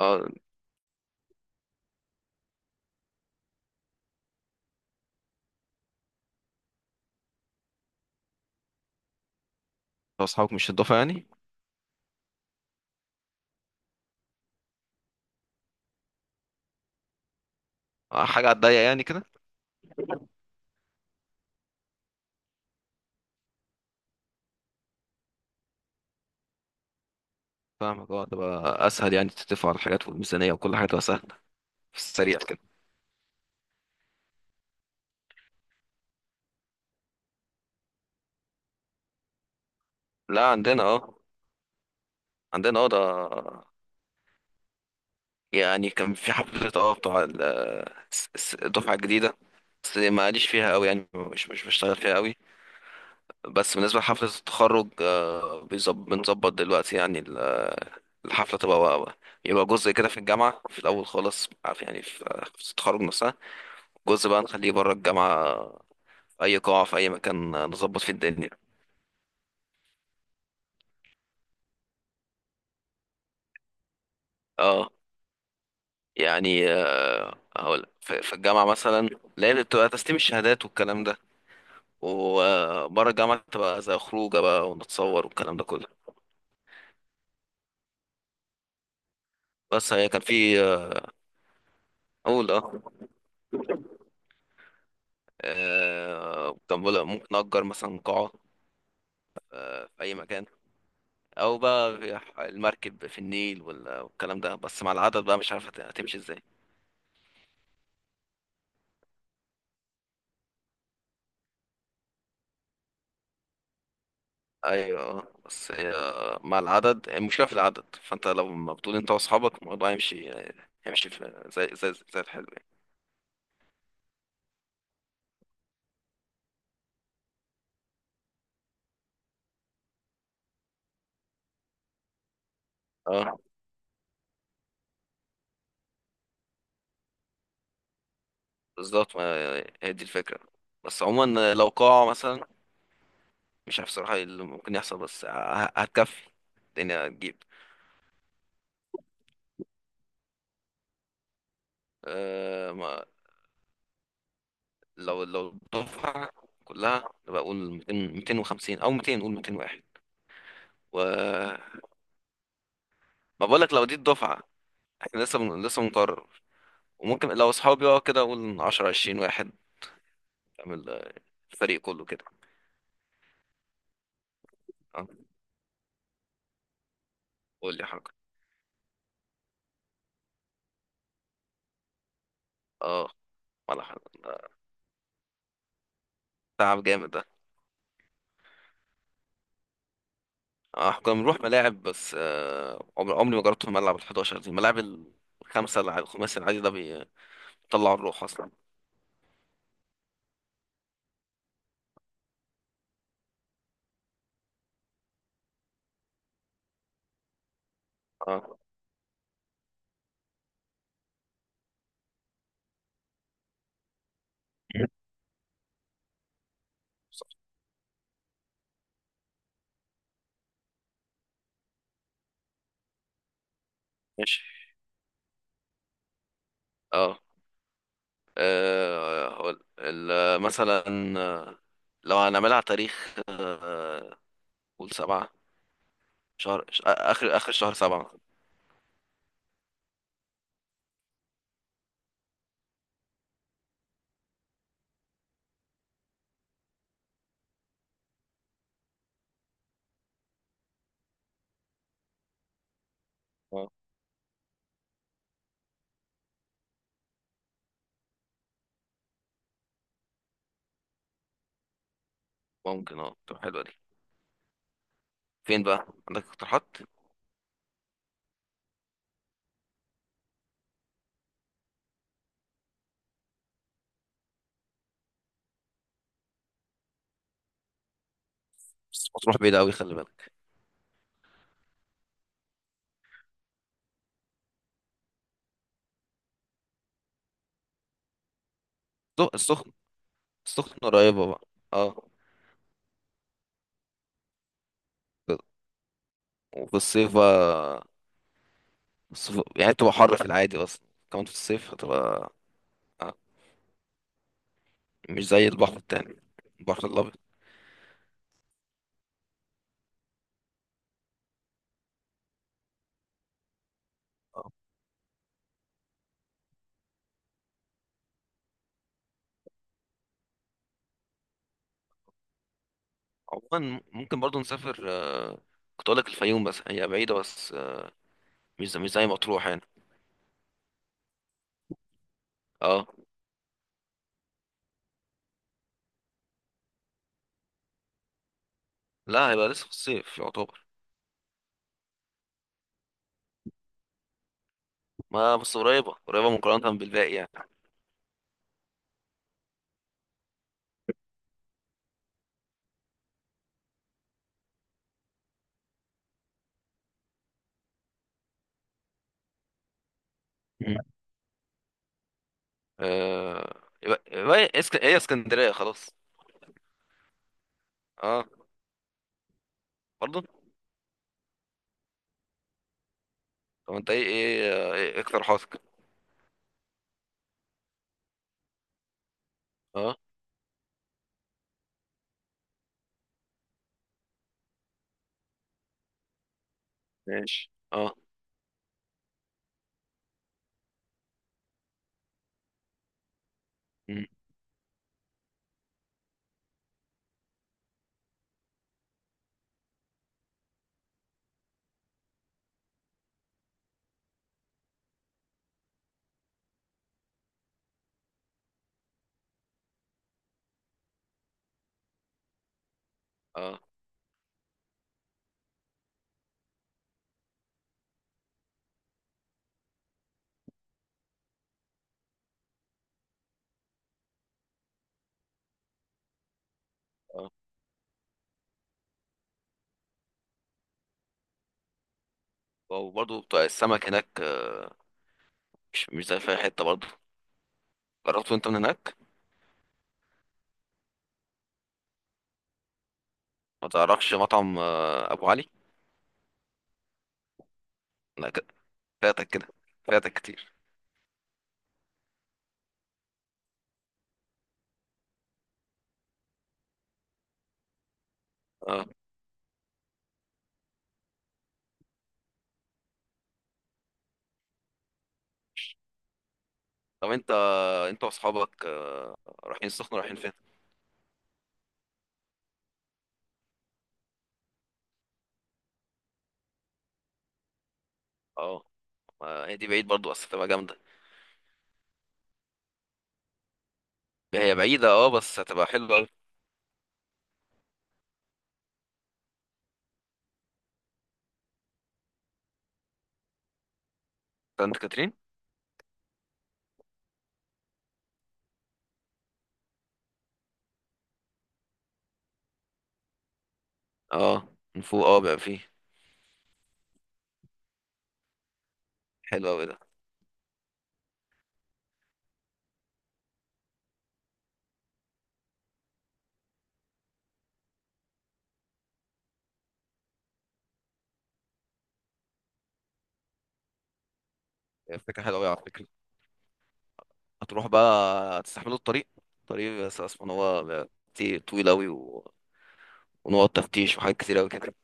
اه انت واصحابك مش هتضافة يعني، حاجة على الضيق يعني كده. فاهمك. اه، تبقى اسهل يعني، تتفق على الحاجات والميزانية وكل حاجة تبقى سهلة في السريع كده. لا عندنا ده. يعني كان في حفلة الدفعة الجديدة، بس ماليش فيها قوي يعني، مش بشتغل فيها قوي. بس بالنسبة لحفلة التخرج، بنظبط دلوقتي يعني الحفلة تبقى، يبقى جزء كده في الجامعة في الأول خالص، عارف يعني، في التخرج نفسها، جزء بقى نخليه بره الجامعة، اي قاعه في اي مكان، نظبط في الدنيا. اه. يعني هقول في الجامعه مثلا، لا هي بتبقى تسليم الشهادات والكلام ده، وبره الجامعه تبقى زي خروجه بقى، ونتصور والكلام ده كله. بس هي كان في، اقول اه، كان بقول ممكن نأجر مثلا قاعه، في اي مكان، او بقى في المركب في النيل والكلام ده، بس مع العدد بقى مش عارف هتمشي ازاي. ايوه بس هي مع العدد، المشكله في العدد، فانت لو ما بتقول، انت واصحابك الموضوع يمشي، في زي الحلو يعني. اه، بالظبط، ما هي دي الفكره، بس عموما لو قاعه مثلا، مش عارف صراحه إيه اللي ممكن يحصل، بس هتكفي الدنيا، هتجيب. أه، ما لو الدفعه كلها بقول 200 250 او 200 نقول 201. و ما بقولك لو دي الدفعه، احنا لسه بنقرر. وممكن لو اصحابي بقى، كده اقول 10 20 واحد، تعمل، الفريق كله كده. اه، قول لي حاجه. اه، ملعب. تعب جامد ده. اه، كنا بنروح ملاعب بس، آه، عمري عمري ما جربت في ملعب ال 11، دي الملاعب الخمسه، الخماسي العادي ده بيطلع الروح اصلا. اه صح. ماشي اه. هقول مثلا، آه، لو هنعملها على تاريخ، قول سبعة، آخر آخر شهر سبعة. اه، ممكن اه، تبقى حلوة دي. فين بقى؟ عندك اقتراحات؟ بس ما تروح بعيد أوي، خلي بالك. السخ- سخن قريبة بقى. اه. وفي الصيف بقى الصيف يعني تبقى حر في العادي اصلا، كمان في الصيف هتبقى، آه، مش زي البحر التاني، البحر الابيض. آه. عموما ممكن برضو نسافر، كنت اقول لك الفيوم بس هي بعيدة، بس، مش زي مطروح يعني. اه، لا هيبقى لسه في الصيف يعتبر. ما بس قريبة قريبة مقارنة بالباقي يعني. مم. يبقى هي اسكندرية خلاص. اه، برضو. طب انت ايه ايه, آه، إيه اقتراحاتك؟ اه، ماشي اه. مم. اه اه. وبرضه بتاع السمك هناك، مش زي في أي حتة برضه. جربته انت من هناك؟ ما تعرفش مطعم، ابو علي؟ لا فاتك كده، فاتك كتير. اه، طب انت واصحابك، رايحين فين؟ اه، ما هي دي بعيد برضه بس هتبقى جامدة. هي بعيدة اه، بس هتبقى حلوة أوي. سانت كاترين. اه، من فوق اه بقى فيه. حلو أوي ده. هي فكرة حلوة أوي على فكرة. هتروح بقى؟ هتستحملوا الطريق؟ الطريق بس أصلا هو بيبقى طويل أوي، و... ونقط تفتيش وحاجات كتير أوي كده.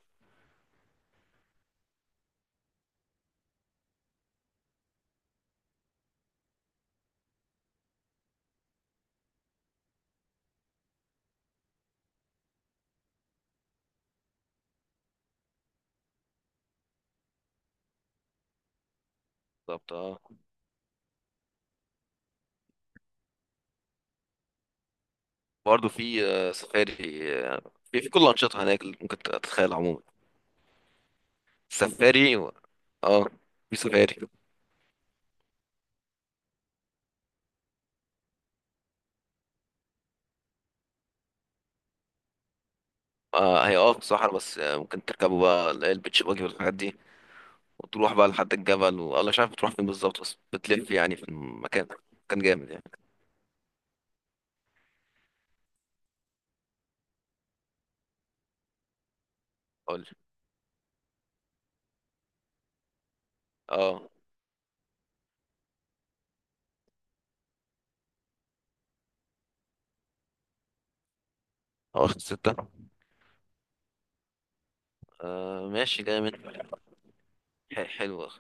بالظبط اه. برضه في، سفاري، آه، في كل الأنشطة هناك اللي ممكن تتخيل عموما. سفاري. و... اه، في سفاري. آه، هي اه في الصحراء، بس، ممكن تركبوا بقى، اللي هي البيتش باجي والحاجات دي، وتروح بقى لحد الجبل، والله مش عارف بتروح فين بالظبط، بس بتلف يعني في المكان. كان جامد يعني. قول لي. اه. اه، ستة. آه ماشي جامد. حلوة.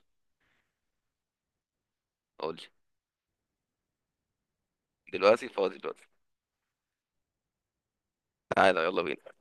قول لي. دلوقتي؟ فاضي دلوقتي. تعالى يلا بينا.